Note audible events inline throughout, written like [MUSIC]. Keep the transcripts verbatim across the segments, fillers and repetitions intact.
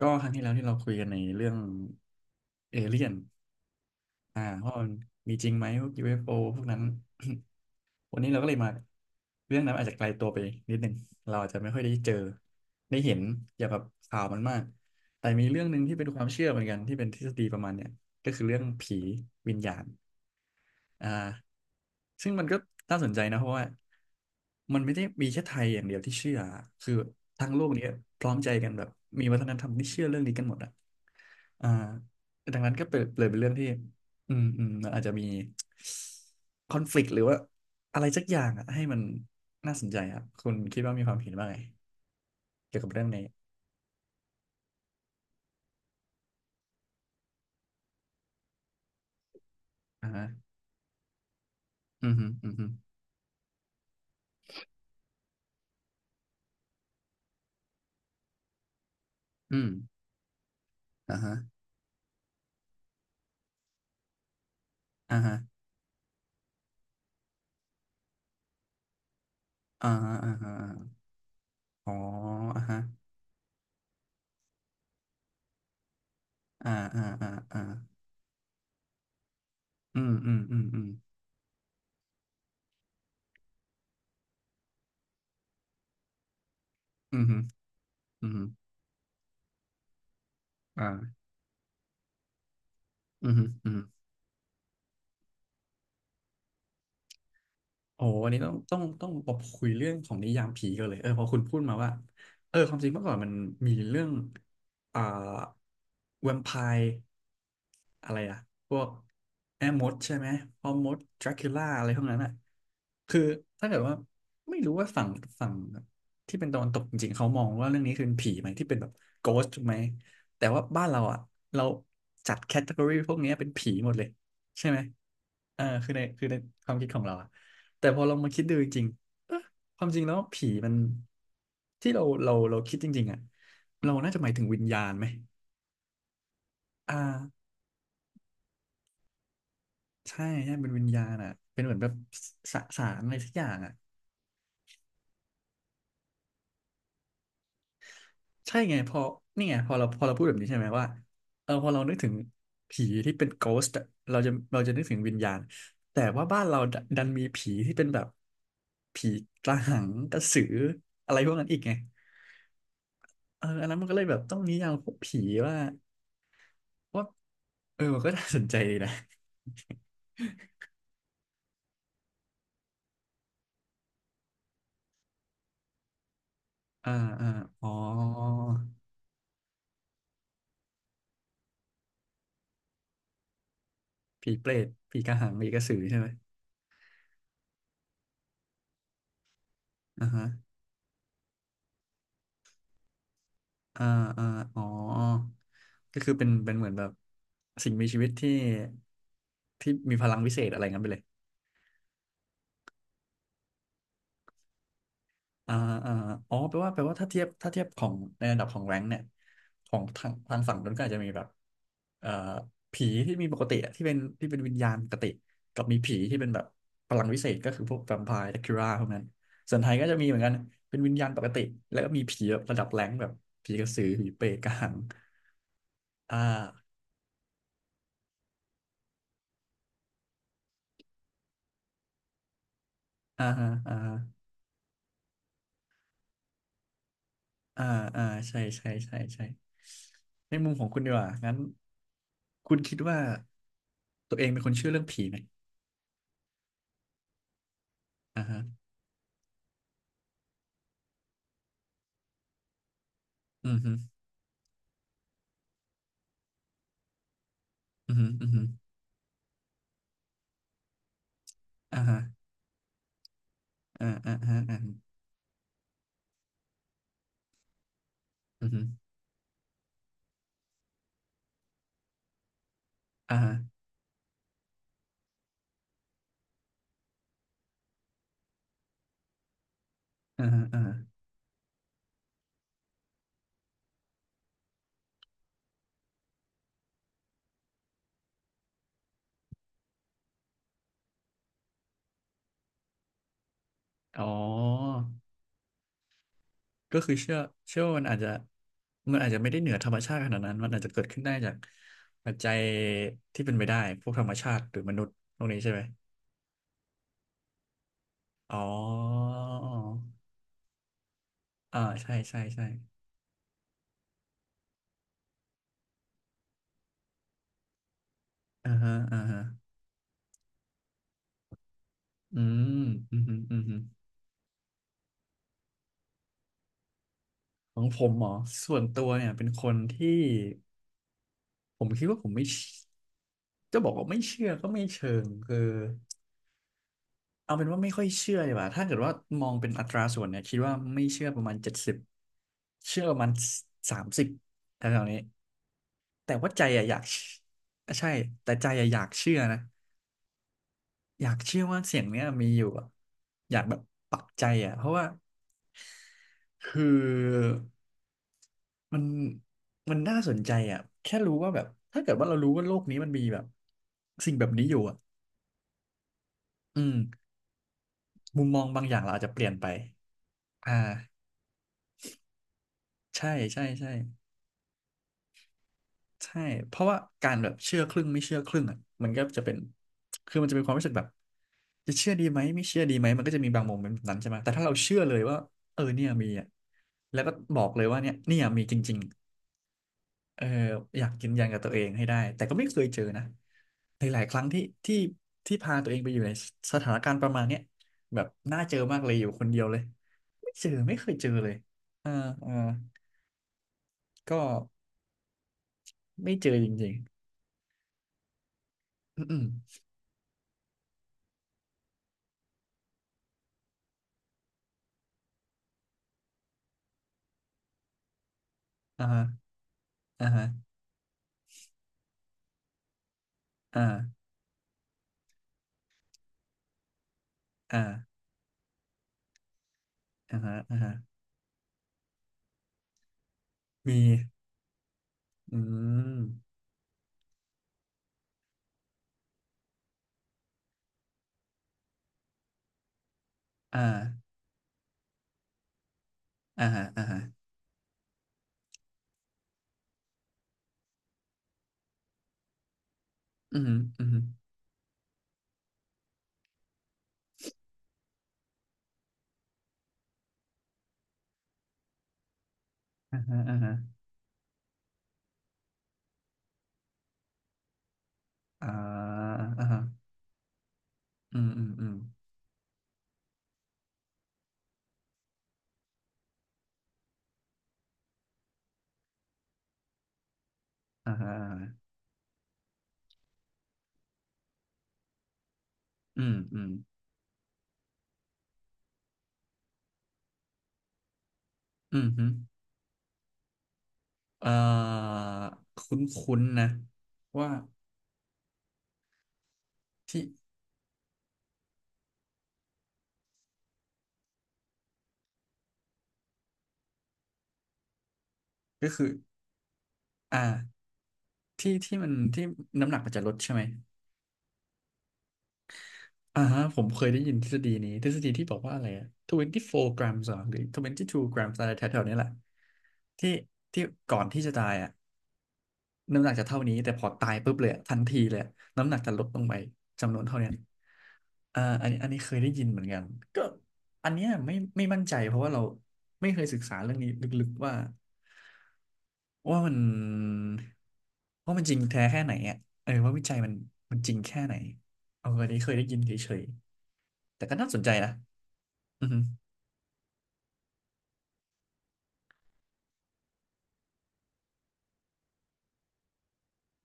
ก็ครั้งที่แล้วที่เราคุยกันในเรื่องเอเลี่ยน อ่าว่ามันมีจริงไหมพวก ยู เอฟ โอ พวกนั้น [COUGHS] วันนี้เราก็เลยมาเรื่องนั้นอาจจะไกลตัวไปนิดนึง เราอาจจะไม่ค่อยได้เจอได้เห็นอย่าแบบข่าวมันมาก แต่มีเรื่องหนึ่งที่เป็นความเชื่อเหมือนกันที่เป็นทฤษฎีประมาณเนี้ยก็คือเรื่องผีวิญญาณ อ่าซึ่งมันก็น่าสนใจนะเพราะว่ามันไม่ได้มีแค่ไทยอย่างเดียวที่เชื่อคือทั้งโลกเนี้ยพร้อมใจกันแบบมีวัฒนธรรมที่เชื่อเรื่องนี้กันหมดอ่ะอ่าดังนั้นก็เปิดเลยเป็นเรื่องที่อืมอืมมันอาจจะมีคอนฟ lict หรือว่าอะไรสักอย่างอ่ะให้มันน่าสนใจครับคุณคิดว่ามีความเห็นว่าไงเกี่ยวกับเรื่องนี้อ่าฮะอืมฮึอืมฮึอืมอ่าฮะอ่าฮะอ่าฮะอ่าฮะอาอ๋ออ่าฮะอ่าอ่าอ่าอ่า อืมอืมอืมอืมอืมอืมอ่าอืมอืมโอ้วันนี้ต้องต้องต้องมาคุยเรื่องของนิยามผีกันเลยเออพอคุณพูดมาว่าเออความจริงเมื่อก่อนมันมีเรื่องอ่าแวมไพร์ อะไรอะพวกแม่มดใช่ไหมพ่อมดดรากูล่าอะไรพวกนั้นอะคือถ้าเกิดว่าไม่รู้ว่าฝั่งฝั่งที่เป็นตะวันตกจริงๆเขามองว่าเรื่องนี้คือผีไหมที่เป็นแบบโกสถูกไหมแต่ว่าบ้านเราอะเราจัดแคตตากรีพวกเนี้ยเป็นผีหมดเลยใช่ไหมเออคือในคือในความคิดของเราอะแต่พอลองมาคิดดูจริงๆเอ๊ะความจริงแล้วผีมันที่เราเราเราคิดจริงๆอะเราน่าจะหมายถึงวิญญาณไหมอ่า ใช่ใช่เป็นวิญญาณอ่ะเป็นเหมือนแบบสสารอะไรสักอย่างอ่ะใช่ไงพอนี่ไงพอเราพอเราพูดแบบนี้ใช่ไหมว่าเออพอเรานึกถึงผีที่เป็น ghost อะเราจะเราจะนึกถึงวิญญาณแต่ว่าบ้านเราดดันมีผีที่เป็นแบบผีกระหังกระสืออะไรพวกนั้นอีกไงเอออันนั้นมันก็เลยแบบต้องนิยามพวกผีว่าว่าเออมันก็น่าสนใจดีนะ [LAUGHS] อ่าอ่าอ๋อผีเปรตผีกระหังผีกระสือใช่ไหมอ่าฮะ อ่าอ่าอ๋อ ก็คือเป็นเป็นเหมือนแบบสิ่งมีชีวิตที่ที่มีพลังวิเศษอะไรงั้นไปเลยอ่าอ่าอ๋อแปลว่าแปลว่าถ้าเทียบถ้าเทียบของในระดับของแรงค์เนี่ยของทางทางฝั่งนั้นก็อาจจะมีแบบเอ่อผีที่มีปกติอะที่เป็นที่เป็นวิญญาณปกติกับมีผีที่เป็นแบบพลังวิเศษก็คือพวกแวมไพร์ดักคิราพวกนั้นส่วนไทยก็จะมีเหมือนกันเป็นวิญญาณปกติแล้วก็มีผีแบบระดับแรงค์แบบผีกระสือผีเปรตกระหังอ่าอ่าฮะอ่าฮะ อ่าอ่าใช่ใช่ใช่ใช่ในมุมของคุณดีกว่างั้นคุณคิดว่าตัวเองเป็นคนเชื่อเรื่องผีไหมอ่าฮะอืมฮึอืมฮึอืมฮึอ่าฮะอ่าอ่าอ่าอ่าอืมฮึอ่าฮะอ่าฮะอ่าฮะอ๋อก็คือเชื่อเชื่อว่ามันอาจจะมันอาจจะไม่ได้เหนือธรรมชาติขนาดนั้นมันอาจจะเกิดขึ้นได้จากปัจจัยที่เป็นไปได้พวกธรรมชาติหรือมนุษย์ตรงนี้ใช่ไหมอ๋ออ่าใช่ใช่ใช่อ่าฮะอ่าฮะ อืมอืมอืมของผมเหรอ ส่วนตัวเนี่ยเป็นคนที่ผมคิดว่าผมไม่เชจะบอกว่าไม่เชื่อก็ไม่เชิงคือเอาเป็นว่าไม่ค่อยเชื่อดีกว่าถ้าเกิดว่ามองเป็นอัตราส่วนเนี่ยคิดว่าไม่เชื่อประมาณเจ็ดสิบเชื่อประมาณสามสิบแถวๆนี้ แต่ว่าใจอะอยากเชื่อใช่ แต่ใจอะอยากเชื่อนะ อยากเชื่อว่าเสียงเนี้ยมีอยู่อะอยากแบบปักใจอะเพราะว่าคือมันมันน่าสนใจอะแค่รู้ว่าแบบถ้าเกิดว่าเรารู้ว่าโลกนี้มันมีแบบสิ่งแบบนี้อยู่อะอืมมุมมองบางอย่างเราอาจจะเปลี่ยนไปอ่าใช่ใช่ใช่ใช่เพราะว่าการแบบเชื่อครึ่งไม่เชื่อครึ่งอะมันก็จะเป็นคือมันจะเป็นความรู้สึกแบบ จะเชื่อดีไหมไม่เชื่อดีไหมมันก็จะมีบางโมเมนต์แบบนั้นใช่ไหมแต่ถ้าเราเชื่อเลยว่าเออเนี่ยมีอ่ะแล้วก็บอกเลยว่าเนี่ยเนี่ยมีจริงๆเอออยากยืนยันกับตัวเองให้ได้แต่ก็ไม่เคยเจอนะหลายๆครั้งที่ที่ที่พาตัวเองไปอยู่ในสถานการณ์ประมาณเนี้ยแบบน่าเจอมากเลยอยู่คนเดียวเลยไม่เจอไม่เคยเจอเลยอ่าอ่าก็ไม่เจอจริงๆอืมอมอ่าฮะอ่าฮะอ่าอ่าอ่าฮะอ่าฮะมีอืมอ่าอ่าฮะอ่าฮะ อืมอืมอ่าฮะอ่าฮะอ่าอ่าฮะอืมอืมอืมอ่าฮะอ่าฮะอืมอืมอืมฮึเอ่อคุ้นคุ้นนะ ว่าที่ก็คือ อ่าที่ที่มันที่น้ำหนักมันจะลดใช่ไหมอ่าฮะผมเคยได้ยินทฤษฎีนี้ทฤษฎีที่บอกว่าอะไรอะยี่สิบสี่แกรม grams เหรอหรือยี่สิบสองแกรม grams อะไรแถวๆนี้แหละที่ที่ ก่อนที่จะตายอ่ะ น้ำหนักจะเท่านี้แต่พอตายปุ๊บเลยอะทันทีเลยอะน้ำหนักจะลดลงไปจำนวนเท่านี้อ่าอันนี้อันนี้เคยได้ยินเหมือนกันก็อันเนี้ยไม่ไม่มั่นใจเพราะว่าเราไม่เคยศึกษาเรื่องนี้ลึกๆว่าว่ามันว่ามันจริงแท้แค่ไหนอ่ะเออว่าวิจัยมันมันจริงแค่ไหนเอออันนี้เคยได้ยินเฉยๆแต่ก็น่าสนใจนะอือฮึ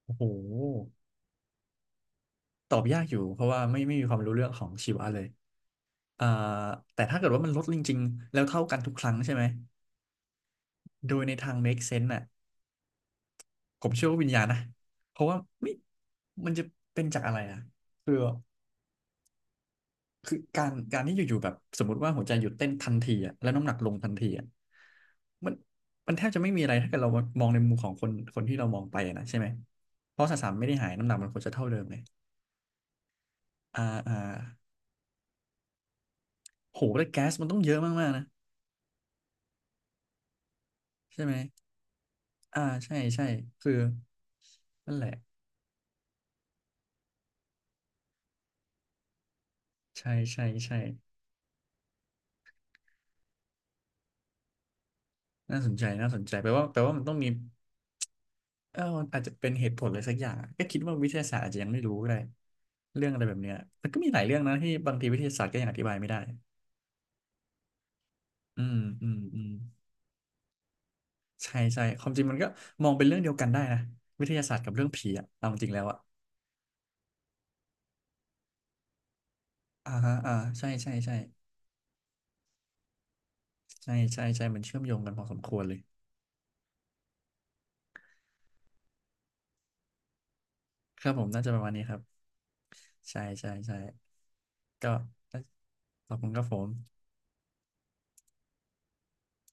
โอ้โหตอบยากอยู่เพราะว่าไม่ไม่มีความรู้เรื่องของชีวะเลยอ่าแต่ถ้าเกิดว่ามันลดจริงๆแล้วเท่ากันทุกครั้งใช่ไหม โดยในทาง make sense น่ะผมเชื่อว่าวิญญาณนะเพราะว่าไม่มันจะเป็นจากอะไรอ่ะคือคือการการที่อยู่ๆแบบสมมติว่าหัวใจหยุดเต้นทันทีอ่ะแล้วน้ำหนักลงทันทีอ่ะมันมันแทบจะไม่มีอะไรถ้าเกิดเรามองในมุมของคนคนที่เรามองไปอะนะใช่ไหมเพราะสสารไม่ได้หายน้ำหนักมันควรจะเท่าเดิมเลยอ่าอ่าโหแล้วแก๊สมันต้องเยอะมากๆนะใช่ไหมอ่าใช่ใช่คือนั่นแหละใช่ใช่ใช่น่าสนใจน่าสนใจแปลว่าแปลว่ามันต้องมี เออมันอาจจะเป็นเหตุผลอะไรสักอย่างอะก็คิดว่าวิทยาศาสตร์อาจจะยังไม่รู้ก็ได้เรื่องอะไรแบบเนี้ยมันก็มีหลายเรื่องนะที่บางทีวิทยาศาสตร์ก็ยังอธิบายไม่ได้อืมอืมอืมใช่ใช่ความจริงมันก็มองเป็นเรื่องเดียวกันได้นะวิทยาศาสตร์กับเรื่องผีอะเอาจริงแล้วอะอ่าฮะอ่าใช่ใช่ใช่ใช่ใช่ใช่มันเชื่อมโยงกันพอสมควรเลยครับผมน่าจะประมาณนี้ครับใช่ใช่ใช่ก็ขอบคุณครับผม